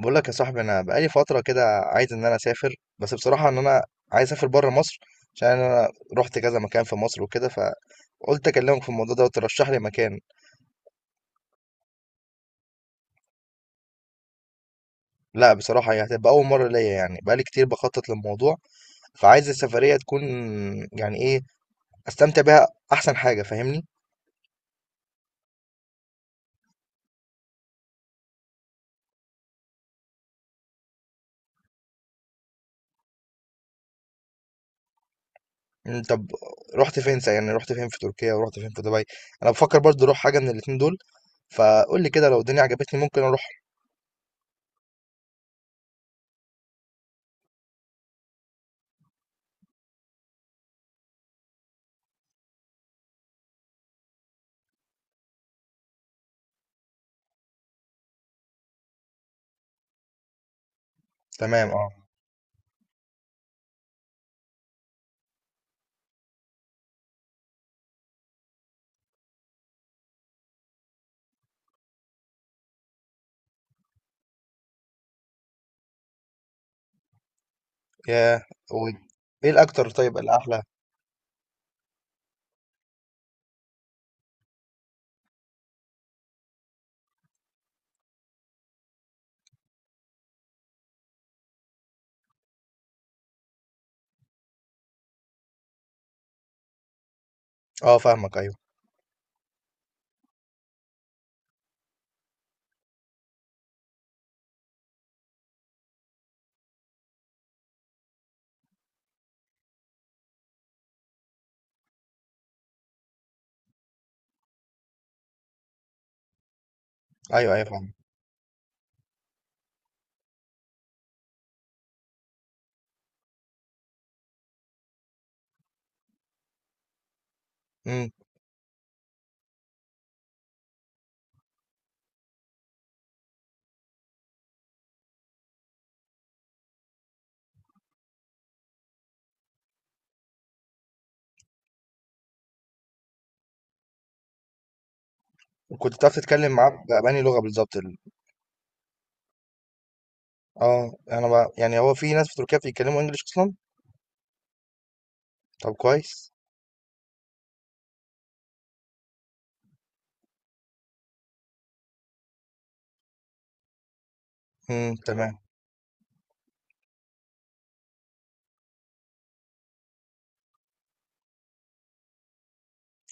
بقول لك يا صاحبي، انا بقالي فتره كده عايز ان انا اسافر، بس بصراحه ان انا عايز اسافر بره مصر، عشان انا رحت كذا مكان في مصر وكده، فقلت اكلمك في الموضوع ده وترشح لي مكان. لا بصراحه هي هتبقى اول مره ليا، يعني بقالي كتير بخطط للموضوع، فعايز السفريه تكون يعني ايه، استمتع بيها احسن حاجه، فاهمني؟ طب، يعني رحت فين في تركيا ورحت فين في دبي؟ انا بفكر برضه اروح حاجه من الاتنين دول، فقول لي كده لو الدنيا عجبتني ممكن اروح. تمام، اه. ياه! و- ايه الاكتر طيب الاحلى؟ آه فاهمك، أيوه. أيوه، أيوه فاهمك. إمم. وكنت بتعرف تتكلم معاه ب بأنهي لغة بالضبط، ال آه، أنا ب، يعني هو في ناس في تركيا بيتكلموا English أصلًا؟ طب كويس. إمم، تمام.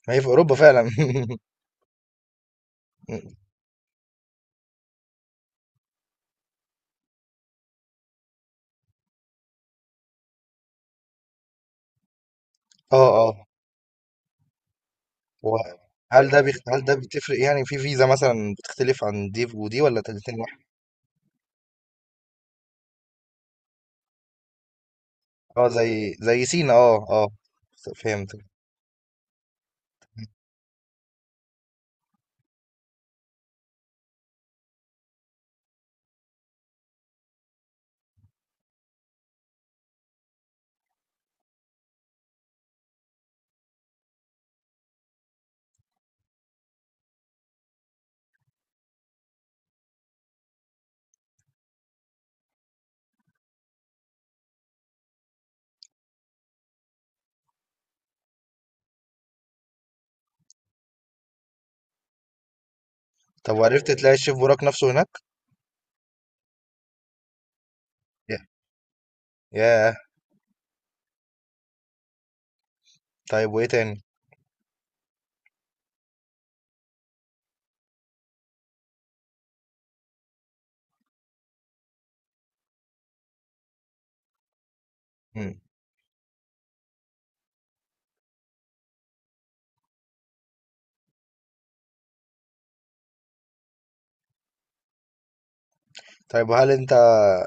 ما هي في أوروبا فعلًا. إمم. آه، آه. وهل ده بيخ هل ده بتفرق يعني في فيزا مثلًا، بتختلف عن دي ودي والّا الاتنين واحد؟ آه، زي زي سينا. آه، آه. فهمتك. طب وعرفت تلاقي الchef بوراك نفسه هناك؟ ي ياه! طيب وإيه تاني؟ إمم. طيب وهل أنت،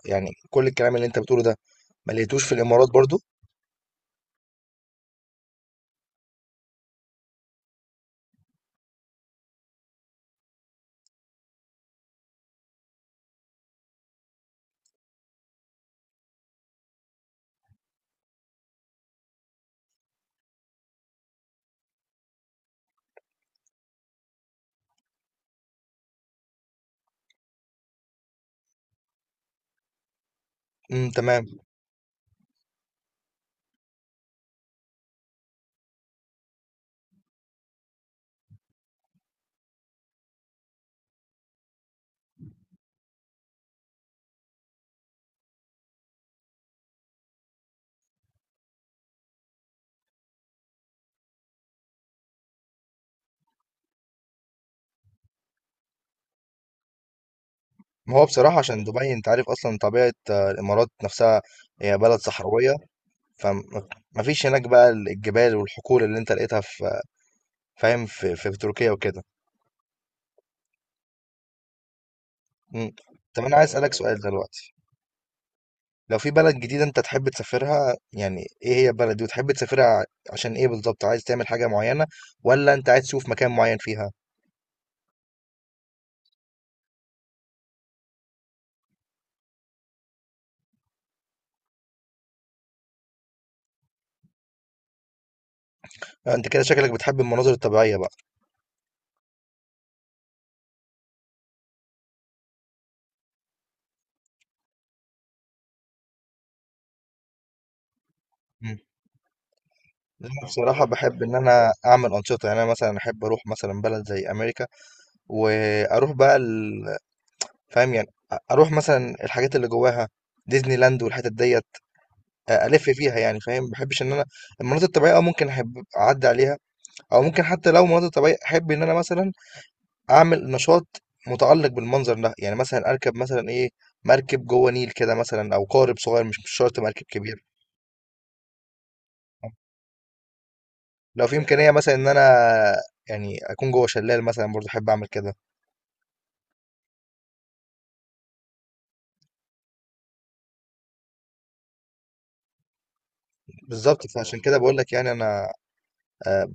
يعني كل الكلام اللي أنت بتقوله ده، ما لقيتوش في الإمارات برضه؟ إمم، تمام. ما هو بصراحة عشان دبي، أنت عارف أصلًا طبيعة الإمارات نفسها، هي بلد صحراوية. فما ما فيش هناك بقى الجبال والحقول اللي أنت لقيتها في، فاهم، في في تركيا وكده. إمم. طب أنا عايز أسألك سؤال دلوقتي، لو في بلد جديدة أنت تحب تسافرها، يعني إيه هي البلد دي وتحب تسافرها عشان إيه بالضبط؟ عايز تعمل حاجة معينة والّا أنت عايز تشوف مكان معين فيها؟ آه، أنت كده شكلك بتحب المناظر الطبيعية بقى. إمم. أنا بصراحة باحب إن أنا أعمل أنشطة، يعني أنا مثلًا أحب أروح مثلًا بلد زي أمريكا، واروح بقى ال- فاهم يعني، اروح مثلا الحاجات اللي جواها، ديزني لاند والحتت ديت الف فيها، يعني فاهم، ما بحبش ان انا المناطق الطبيعيه، اه ممكن احب اعدي عليها، او ممكن حتى لو مناطق طبيعيه احب ان انا مثلا اعمل نشاط متعلق بالمنظر ده، يعني مثلا اركب مثلا ايه، مركب جوه نيل كده مثلا، او قارب صغير، مش شرط مركب كبير. لو في امكانيه مثلا ان انا يعني اكون جوه شلال مثلا، برضه احب اعمل كده. بالظبط، فعشان كده بقول لك يعني انا، آه،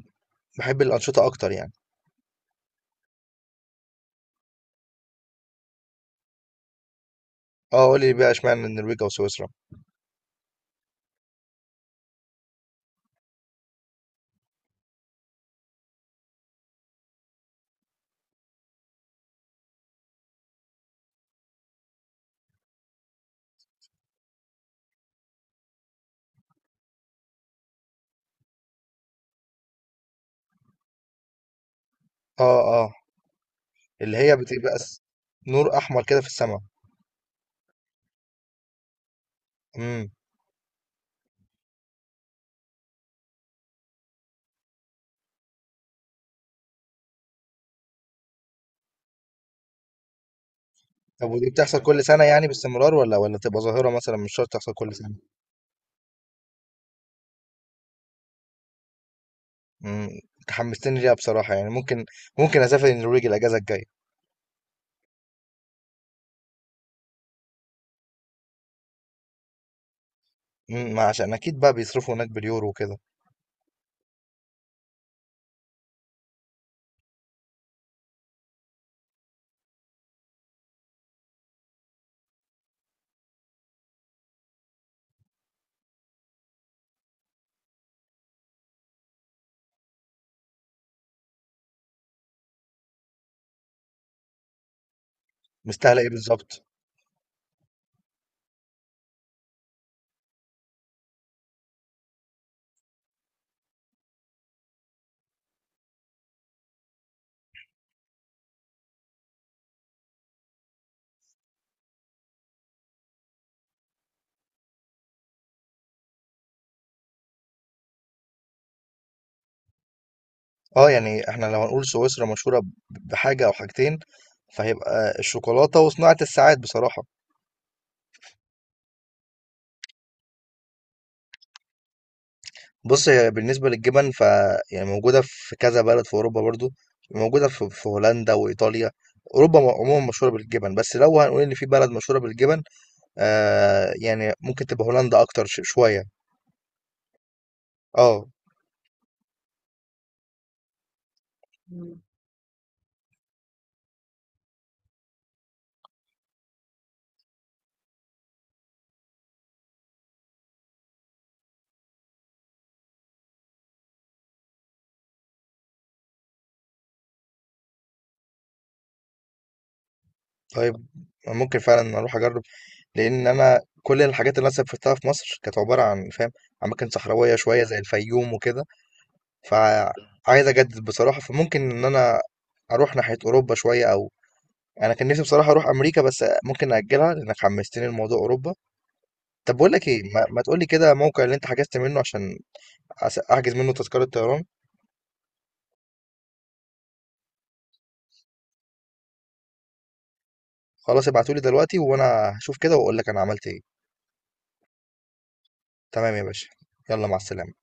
بحب الانشطه اكتر يعني. اه، قول لي بقى اشمعنى النرويج او سويسرا. اه، اه. اللي نور احمر كده في السماء. امم. طب ودي بتحصل كل سنه يعني باستمرار، ولا تبقى ظاهره مثلا مش شرط تحصل كل سنه؟ امم. حمستني ليها بصراحه، يعني ممكن، ممكن اسافر النرويج الاجازه الجايه. امم، ما عشان اكيد بقى بيصرفوا هناك باليورو وكده. مستاهله ايه بالظبط؟ اه، يعني احنا لو هنقول سويسرا مشهوره ب، بحاجه او حاجتين، فهيبقى الشوكولاته وصناعه الساعات بصراحه. بُص، بالنسبة للجبن، ف يعني موجودة في كذا بلد في أوروبا برضه، موجودة في في هولندا وإيطاليا، أوروبا م عمومًا مشهورة بالجبن، بس لو هنقول إن في بلد مشهورة بالجبن، يعني ممكن تبقى هولندا أكتر شوية. آه. إمم. طيب، ممكن فعلًا أروح أجرب، لإن أنا كل الحاجات اللي أنا سافرتها في مصر كانت عبارة عن، فاهم، أماكن صحراوية شوية زي الفيوم وكده، فعايز أجدد بصراحة، فممكن إن أنا أروح ناحية أوروبا شوية، أو انا كان نفسي بصراحه اروح امريكا، بس ممكن ناجلها لانك حمستني لموضوع اوروبا. طب بقول لك ايه، ما تقول لي كده موقع اللي انت حجزت منه عشان احجز منه تذكره طيران. خلاص ابعتولي دلوقتي وانا هشوف كده واقول لك انا عملت ايه. تمام يا باشا، يلا مع السلامه.